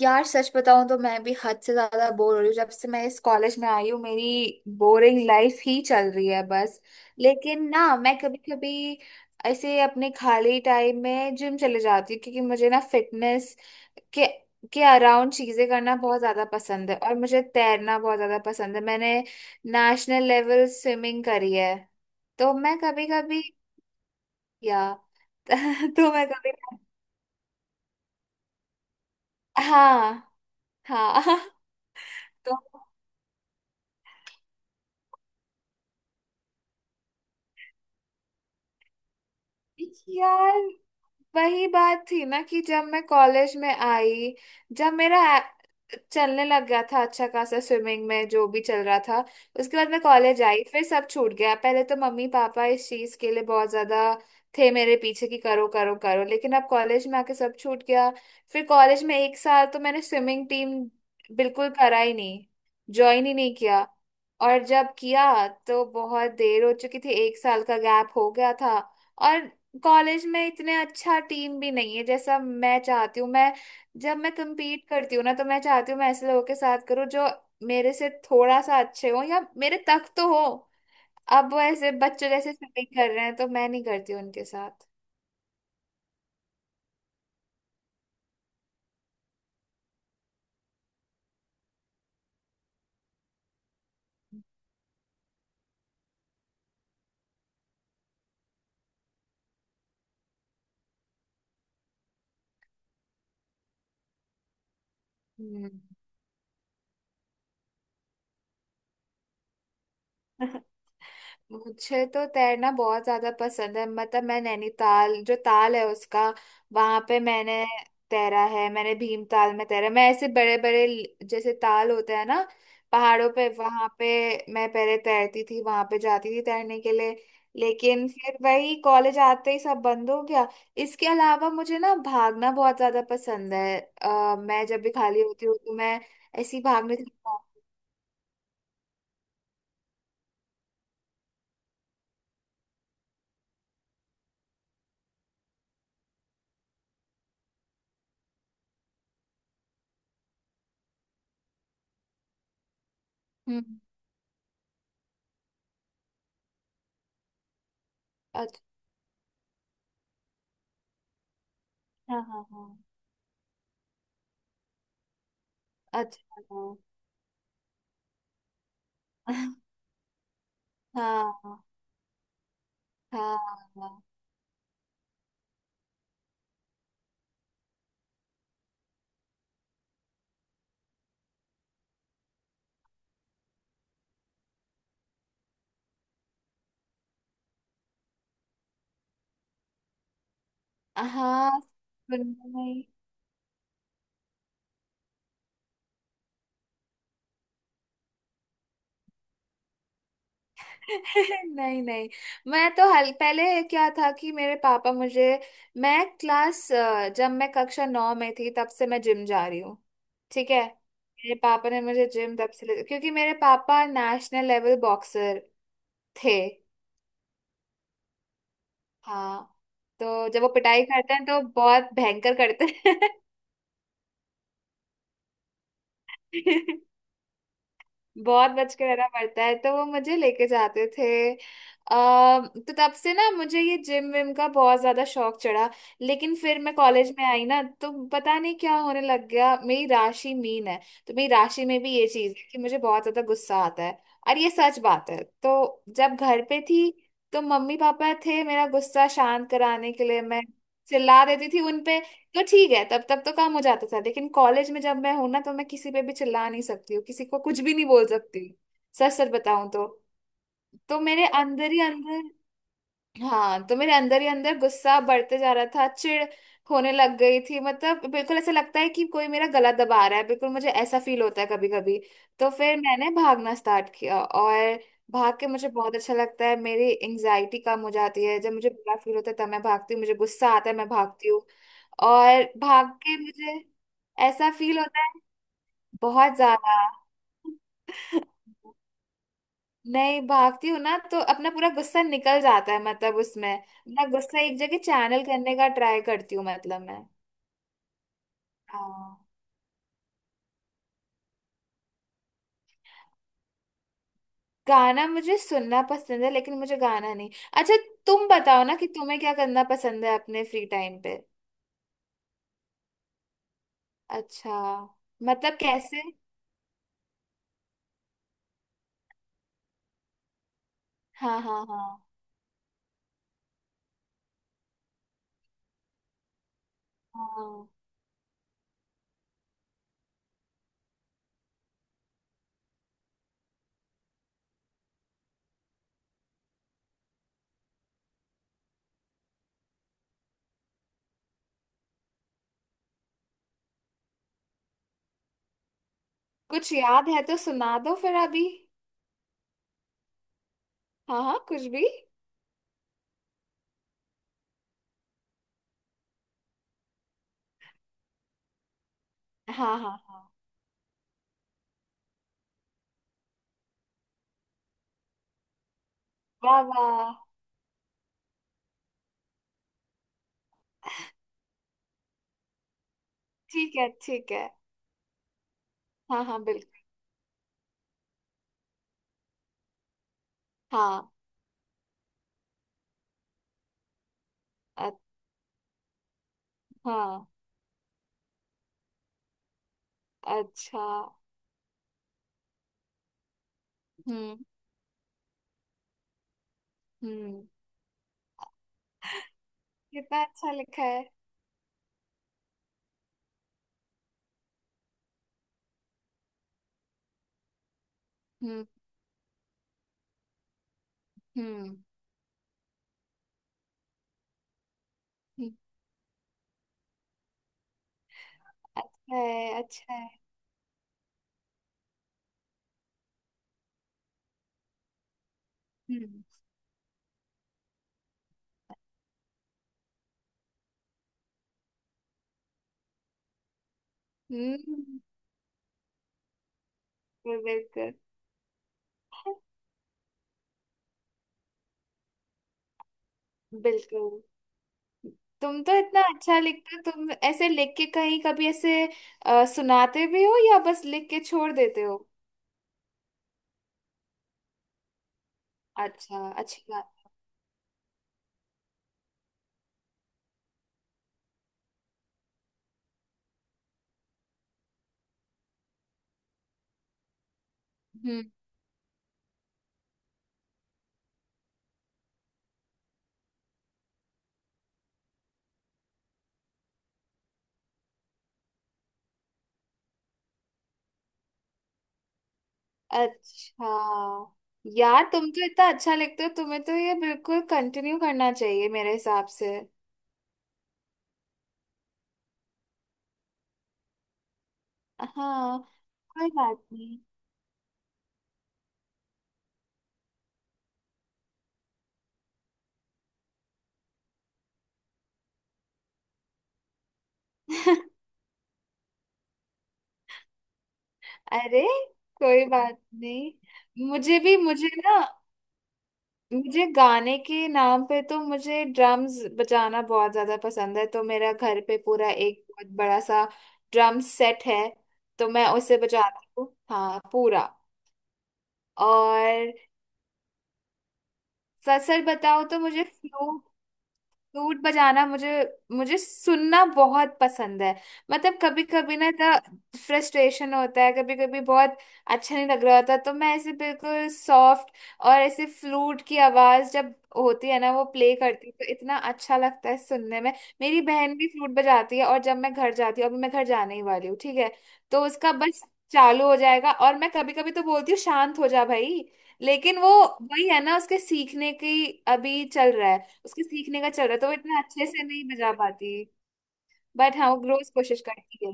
यार सच बताऊं तो मैं भी हद से ज्यादा बोर हो रही हूँ। जब से मैं इस कॉलेज में आई हूँ मेरी बोरिंग लाइफ ही चल रही है बस। लेकिन ना मैं कभी कभी ऐसे अपने खाली टाइम में जिम चले जाती हूँ, क्योंकि मुझे ना फिटनेस के के अराउंड चीजें करना बहुत ज्यादा पसंद है। और मुझे तैरना बहुत ज्यादा पसंद है, मैंने नेशनल लेवल स्विमिंग करी है। तो मैं कभी कभी या तो मैं कभी हाँ, हाँ। तो यार वही बात थी ना कि जब मैं कॉलेज में आई, जब मेरा चलने लग गया था अच्छा खासा स्विमिंग में जो भी चल रहा था। उसके बाद मैं कॉलेज आई फिर सब छूट गया। पहले तो मम्मी पापा इस चीज के लिए बहुत ज्यादा थे मेरे पीछे कि करो करो करो, लेकिन अब कॉलेज में आके सब छूट गया। फिर कॉलेज में एक साल तो मैंने स्विमिंग टीम बिल्कुल करा ही नहीं, ज्वाइन ही नहीं किया। और जब किया तो बहुत देर हो चुकी थी, एक साल का गैप हो गया था। और कॉलेज में इतने अच्छा टीम भी नहीं है जैसा मैं चाहती हूँ। मैं जब मैं compete करती हूँ ना तो मैं चाहती हूँ मैं ऐसे लोगों के साथ करूँ जो मेरे से थोड़ा सा अच्छे हो या मेरे तक तो हो। अब वो ऐसे बच्चों जैसे शॉपिंग कर रहे हैं तो मैं नहीं करती उनके साथ। हम्म। मुझे तो तैरना बहुत ज्यादा पसंद है। मतलब मैं नैनीताल जो ताल है उसका वहां पे मैंने तैरा है, मैंने भीमताल में तैरा। मैं ऐसे बड़े बड़े जैसे ताल होते हैं ना पहाड़ों पे, वहां पे मैं पहले तैरती थी, वहां पे जाती थी तैरने के लिए। लेकिन फिर वही कॉलेज आते ही सब बंद हो गया। इसके अलावा मुझे ना भागना बहुत ज्यादा पसंद है। मैं जब भी खाली होती हूँ तो मैं ऐसी भागने चली जाती हूँ। हम्म। अच्छा। हाँ हाँ हाँ। अच्छा, हाँ। हाँ हाँ हाँ, सुनना नहीं। नहीं नहीं, मैं तो हल पहले क्या था कि मेरे पापा मुझे मैं जब मैं कक्षा 9 में थी तब से मैं जिम जा रही हूँ। ठीक है, मेरे पापा ने मुझे जिम तब से क्योंकि मेरे पापा नेशनल लेवल बॉक्सर थे। हाँ, तो जब वो पिटाई करते हैं तो बहुत भयंकर करते हैं। बहुत बच के रहना पड़ता है, तो वो मुझे लेके जाते थे। अ, तो तब से ना मुझे ये जिम विम का बहुत ज्यादा शौक चढ़ा। लेकिन फिर मैं कॉलेज में आई ना तो पता नहीं क्या होने लग गया। मेरी राशि मीन है, तो मेरी राशि में भी ये चीज है कि मुझे बहुत ज्यादा गुस्सा आता है, और ये सच बात है। तो जब घर पे थी तो मम्मी पापा थे मेरा गुस्सा शांत कराने के लिए, मैं चिल्ला देती थी उनपे। तो ठीक है, तब तक तो काम हो जाता था। लेकिन कॉलेज में जब मैं हूं ना तो मैं किसी पे भी चिल्ला नहीं सकती हूँ, किसी को कुछ भी नहीं बोल सकती, सच सच बताऊं तो। तो मेरे अंदर ही अंदर हाँ, तो मेरे अंदर ही अंदर गुस्सा बढ़ते जा रहा था, चिढ़ होने लग गई थी। मतलब बिल्कुल ऐसा लगता है कि कोई मेरा गला दबा रहा है, बिल्कुल मुझे ऐसा फील होता है कभी कभी। तो फिर मैंने भागना स्टार्ट किया, और भाग के मुझे बहुत अच्छा लगता है, मेरी एंजाइटी कम हो जाती है। जब मुझे बुरा फील होता है तब मैं भागती हूँ, मुझे गुस्सा आता है मैं भागती हूँ। और भाग के मुझे ऐसा फील होता है बहुत ज्यादा। नहीं, भागती हूँ ना तो अपना पूरा गुस्सा निकल जाता है। मतलब उसमें अपना गुस्सा एक जगह चैनल करने का ट्राई करती हूँ, मतलब मैं। हाँ। गाना मुझे सुनना पसंद है लेकिन मुझे गाना नहीं। अच्छा, तुम बताओ ना कि तुम्हें क्या करना पसंद है अपने फ्री टाइम पे। अच्छा, मतलब कैसे? हाँ हाँ हाँ। हाँ, कुछ याद है तो सुना दो फिर अभी। हाँ हाँ, कुछ भी। हाँ हाँ हाँ। वाह वाह। ठीक है ठीक है। हाँ हाँ, बिल्कुल। हाँ। अ- हाँ। अच्छा। हम्म। हम्म। कितना अच्छा लिखा है। हम्म। हम्म। हम्म, अच्छा है अच्छा है। हम्म। हम्म। बिल्कुल। बिल्कुल, तुम तो इतना अच्छा लिखते हो। तुम ऐसे लिख के कहीं कभी ऐसे सुनाते भी हो या बस लिख के छोड़ देते हो? अच्छा, अच्छी बात। अच्छा, यार तुम तो इतना अच्छा लिखते हो, तुम्हें तो ये बिल्कुल कंटिन्यू करना चाहिए मेरे हिसाब से। हाँ, कोई बात नहीं। अरे, कोई बात नहीं। मुझे भी, मुझे ना, मुझे गाने के नाम पे तो मुझे ड्रम्स बजाना बहुत ज्यादा पसंद है। तो मेरा घर पे पूरा एक बहुत बड़ा सा ड्रम सेट है, तो मैं उसे बजाती हूँ। हाँ, पूरा। और सर सर बताओ तो मुझे फ्लूट, फ्लूट बजाना मुझे, मुझे सुनना बहुत पसंद है। मतलब कभी कभी ना इतना फ्रस्ट्रेशन होता है कभी कभी, बहुत अच्छा नहीं लग रहा होता तो मैं ऐसे बिल्कुल सॉफ्ट। और ऐसे फ्लूट की आवाज जब होती है ना वो प्ले करती है तो इतना अच्छा लगता है सुनने में। मेरी बहन भी फ्लूट बजाती है, और जब मैं घर जाती हूँ, अभी मैं घर जाने ही वाली हूँ ठीक है, तो उसका बस चालू हो जाएगा, और मैं कभी कभी तो बोलती हूँ शांत हो जा भाई। लेकिन वो वही है ना, उसके सीखने की अभी चल रहा है, उसके सीखने का चल रहा है, तो वो इतना अच्छे से नहीं बजा पाती। बट हाँ, वो रोज कोशिश करती है।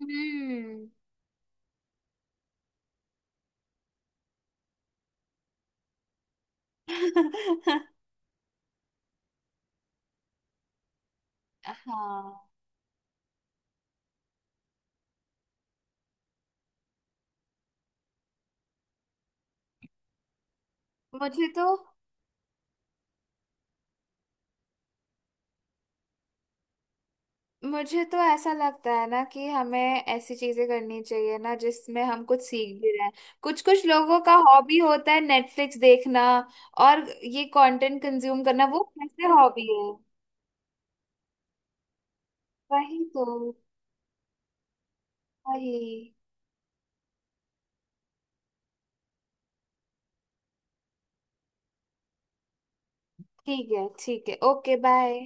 हम्म। हाँ, मुझे तो मुझे तो ऐसा लगता है ना कि हमें ऐसी चीजें करनी चाहिए ना जिसमें हम कुछ सीख भी रहे हैं। कुछ कुछ लोगों का हॉबी होता है नेटफ्लिक्स देखना, और ये कंटेंट कंज्यूम करना, वो कैसे हॉबी है? वही तो। वही। ठीक है ठीक है, ओके, बाय।